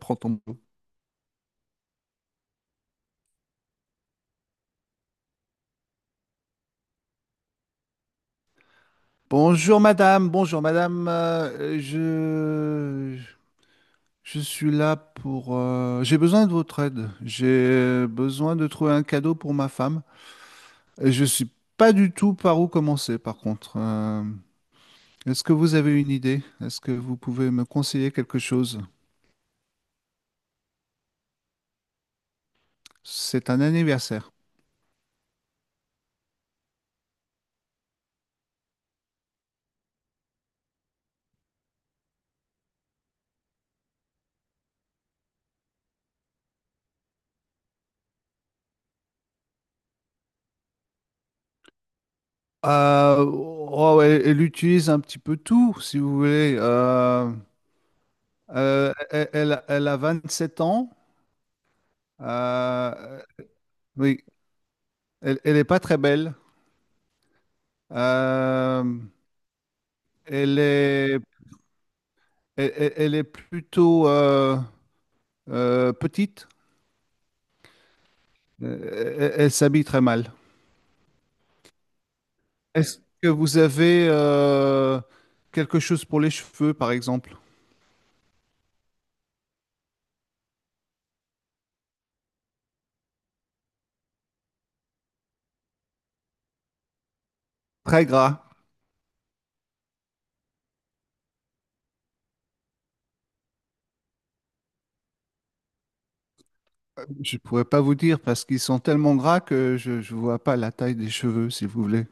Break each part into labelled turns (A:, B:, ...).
A: Prends ton boulot. Bonjour madame, bonjour madame. Je suis là pour... j'ai besoin de votre aide. J'ai besoin de trouver un cadeau pour ma femme. Et je suis pas du tout par où commencer par contre. Est-ce que vous avez une idée? Est-ce que vous pouvez me conseiller quelque chose? C'est un anniversaire. Elle utilise un petit peu tout, si vous voulez. Elle a 27 ans. Euh, oui, elle est pas très belle. Euh, Elle est, elle est plutôt petite. Elle s'habille très mal. Est-ce que vous avez quelque chose pour les cheveux, par exemple? Très gras. Je pourrais pas vous dire parce qu'ils sont tellement gras que je ne vois pas la taille des cheveux, si vous voulez.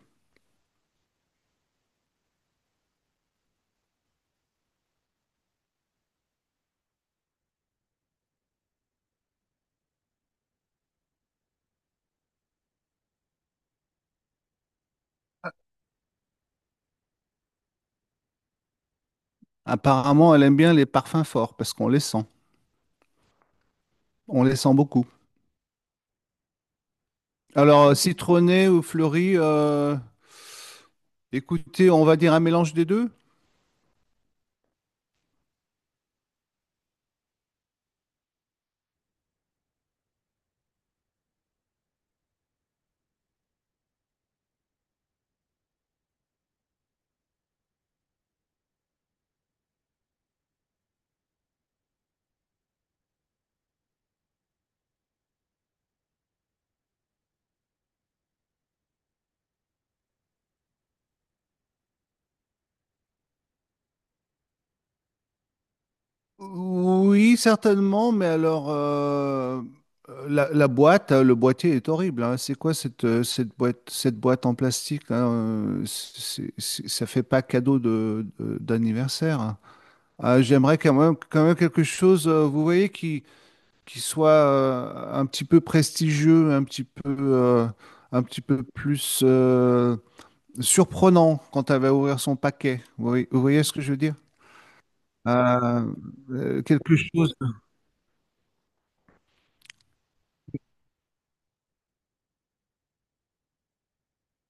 A: Apparemment, elle aime bien les parfums forts parce qu'on les sent. On les sent beaucoup. Alors, citronné ou fleuri, écoutez, on va dire un mélange des deux. Oui, certainement, mais alors la boîte, le boîtier est horrible, hein. C'est quoi cette, cette boîte en plastique, hein, ça fait pas cadeau d'anniversaire, hein. Ah, j'aimerais quand même quelque chose, vous voyez, qui soit un petit peu prestigieux, un petit peu plus surprenant quand elle va ouvrir son paquet. Vous voyez ce que je veux dire? Euh, Quelque chose.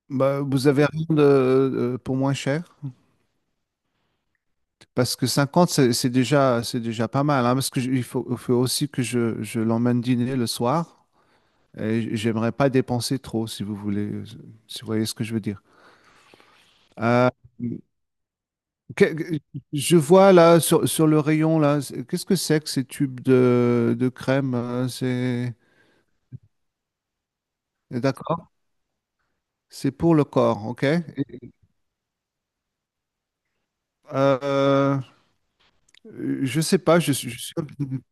A: Bah, vous avez rien de, pour moins cher? Parce que 50, c'est déjà, c'est déjà pas mal, hein, il faut aussi que je l'emmène dîner le soir. Et j'aimerais pas dépenser trop, si vous voulez, si vous voyez ce que je veux dire. Euh, que- que- je vois là sur, sur le rayon là, qu'est-ce que c'est que ces tubes de crème? C'est d'accord? C'est pour le corps, ok? Et, euh, je sais pas,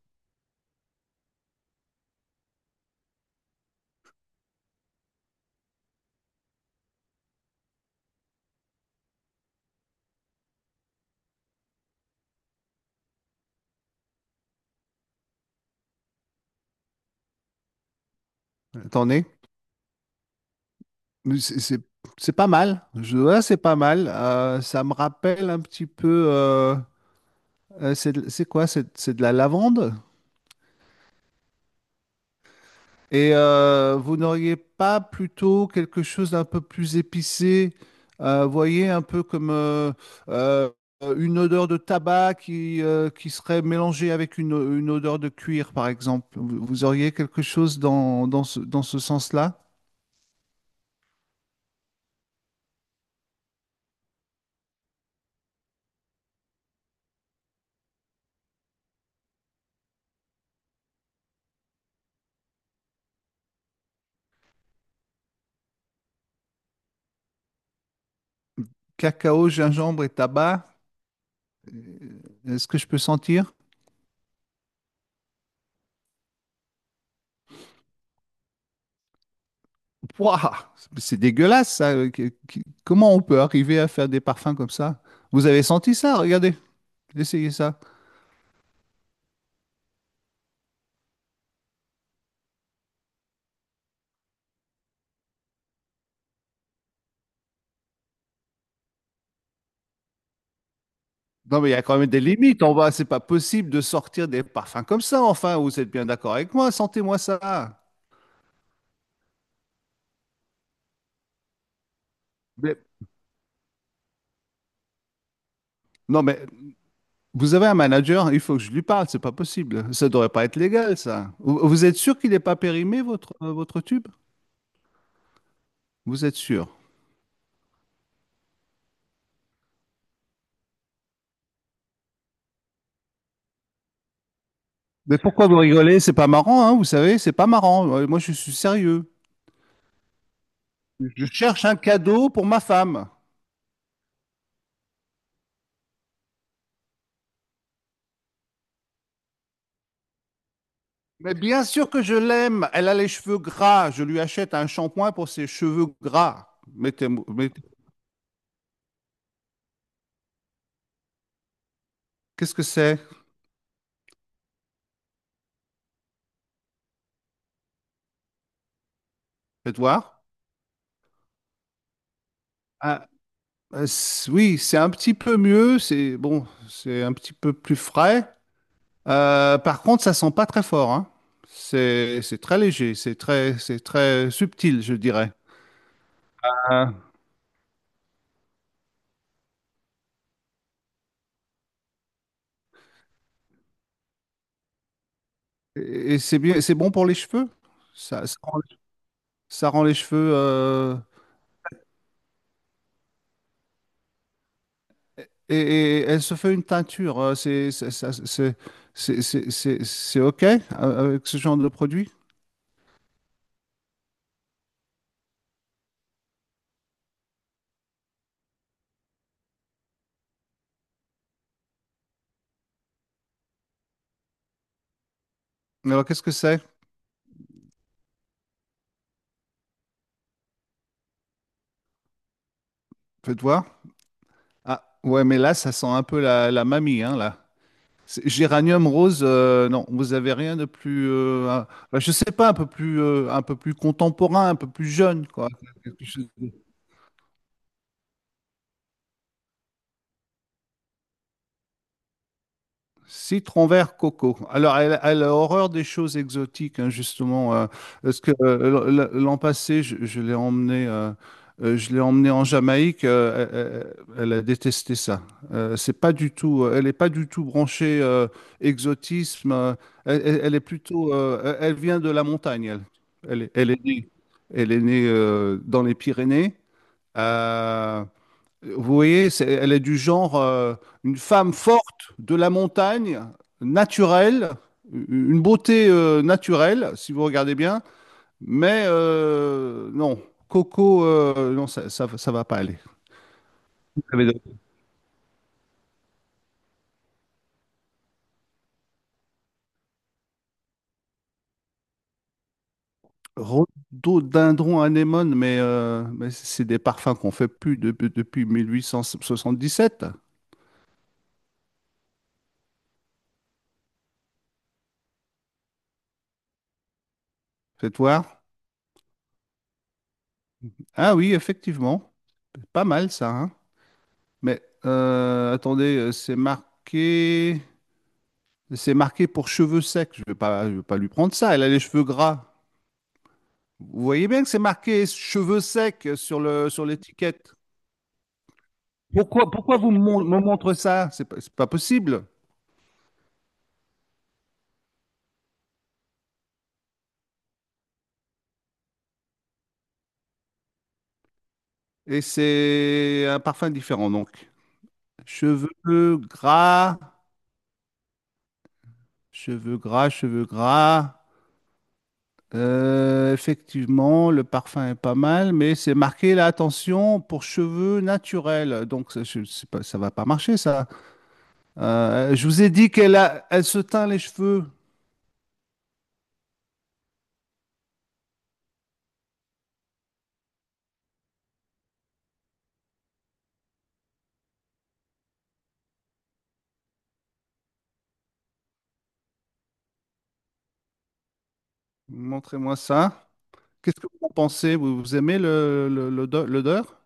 A: Attendez. Mais C'est c'est- c'est pas mal. Ouais, c'est pas mal. Ça me rappelle un petit peu. C'est de- c'est quoi? C'est de la lavande? Et vous n'auriez pas plutôt quelque chose d'un peu plus épicé? Voyez, un peu comme euh, une odeur de tabac qui serait mélangée avec une odeur de cuir, par exemple. Vous auriez quelque chose dans ce sens-là? Cacao, gingembre et tabac. Est-ce que je peux sentir? Ouah, c'est dégueulasse, ça. Comment on peut arriver à faire des parfums comme ça? Vous avez senti ça? Regardez, essayez ça. Non, mais il y a quand même des limites. On va, c'est pas possible de sortir des parfums comme ça. Enfin, vous êtes bien d'accord avec moi? Sentez-moi ça. Mais- non, mais vous avez un manager. Il faut que je lui parle. C'est pas possible. Ça devrait pas être légal, ça. Vous êtes sûr qu'il n'est pas périmé votre votre tube? Vous êtes sûr? Mais pourquoi vous rigolez? C'est pas marrant, hein, vous savez. C'est pas marrant. Moi, je suis sérieux. Je cherche un cadeau pour ma femme. Mais bien sûr que je l'aime. Elle a les cheveux gras. Je lui achète un shampoing pour ses cheveux gras. Mettez- Qu'est-ce que c'est? Faites voir. Ah, oui, c'est un petit peu mieux. C'est bon, c'est un petit peu plus frais. Par contre, ça sent pas très fort, hein. C'est très léger. C'est très subtil, je dirais. Ah. Et c'est bien, c'est bon pour les cheveux. Ça, ça rend, Ça rend les cheveux. Et elle se fait une teinture. C'est c'est OK avec ce genre de produit? Alors, qu'est-ce que c'est? Faites voir. Ah, ouais, mais là, ça sent un peu la, la mamie, hein, là. Géranium rose, non, vous avez rien de plus, bah, je sais pas, un peu plus contemporain, un peu plus jeune, quoi. Citron vert coco. Alors, elle a horreur des choses exotiques, hein, justement. Parce que l'an passé, je l'ai emmenée en Jamaïque. Elle a détesté ça. C'est pas du tout. Elle n'est pas du tout branchée exotisme. Elle est plutôt. Elle vient de la montagne. Elle est née, elle est née dans les Pyrénées. euh, Vous voyez, elle est du genre une femme forte de la montagne, naturelle, une beauté naturelle, si vous regardez bien. Mais non, Coco, non, ça va pas aller. Vous avez de- Rhododendron anémone, mais c'est des parfums qu'on fait plus depuis 1877. Faites voir. Ah oui, effectivement, pas mal ça, hein. Mais attendez, c'est marqué. C'est marqué pour cheveux secs. Je vais pas lui prendre ça. Elle a les cheveux gras. Vous voyez bien que c'est marqué cheveux secs sur le, sur l'étiquette. Pourquoi vous me montrez ça? C'est pas possible. Et c'est un parfum différent, donc. Cheveux gras, cheveux gras, cheveux gras. Effectivement, le parfum est pas mal, mais c'est marqué là, attention, pour cheveux naturels. Donc, ça, je sais pas, ça va pas marcher, ça. Je vous ai dit elle se teint les cheveux. Montrez-moi ça. Qu'est-ce que vous en pensez? Vous aimez l'odeur?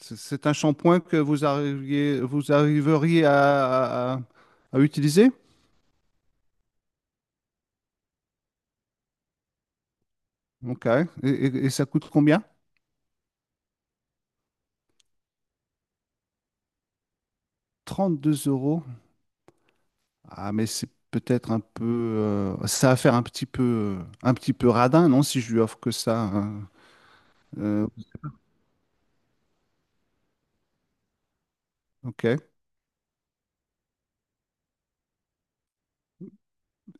A: C'est un shampoing que vous arriveriez à utiliser? Ok. Et, et ça coûte combien? 32 euros. Ah, mais c'est peut-être un peu. Ça va faire un petit peu radin, non, si je lui offre que ça, hein. Euh, ok.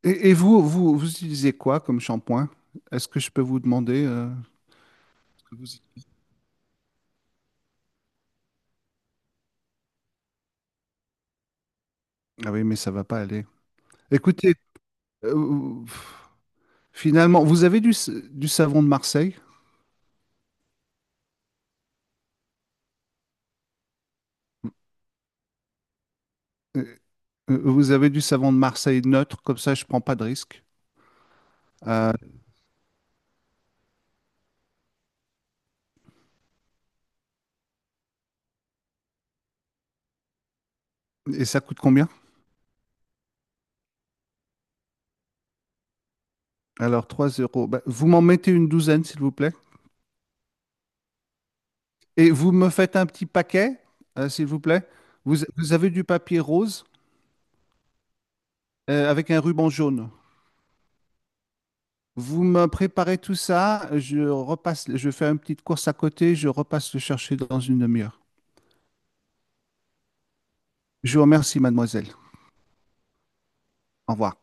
A: Et vous utilisez quoi comme shampoing? Est-ce que je peux vous demander ce que vous Ah oui, mais ça va pas aller. Écoutez, euh, finalement, vous avez du savon de Marseille? Euh, Vous avez du savon de Marseille neutre, comme ça je prends pas de risque. Euh, et ça coûte combien? Alors 3 euros. Bah, vous m'en mettez une douzaine, s'il vous plaît. Et vous me faites un petit paquet, s'il vous plaît. Vous avez du papier rose avec un ruban jaune. Vous me préparez tout ça, je repasse, je fais une petite course à côté, je repasse le chercher dans une demi-heure. Je vous remercie, mademoiselle. Au revoir.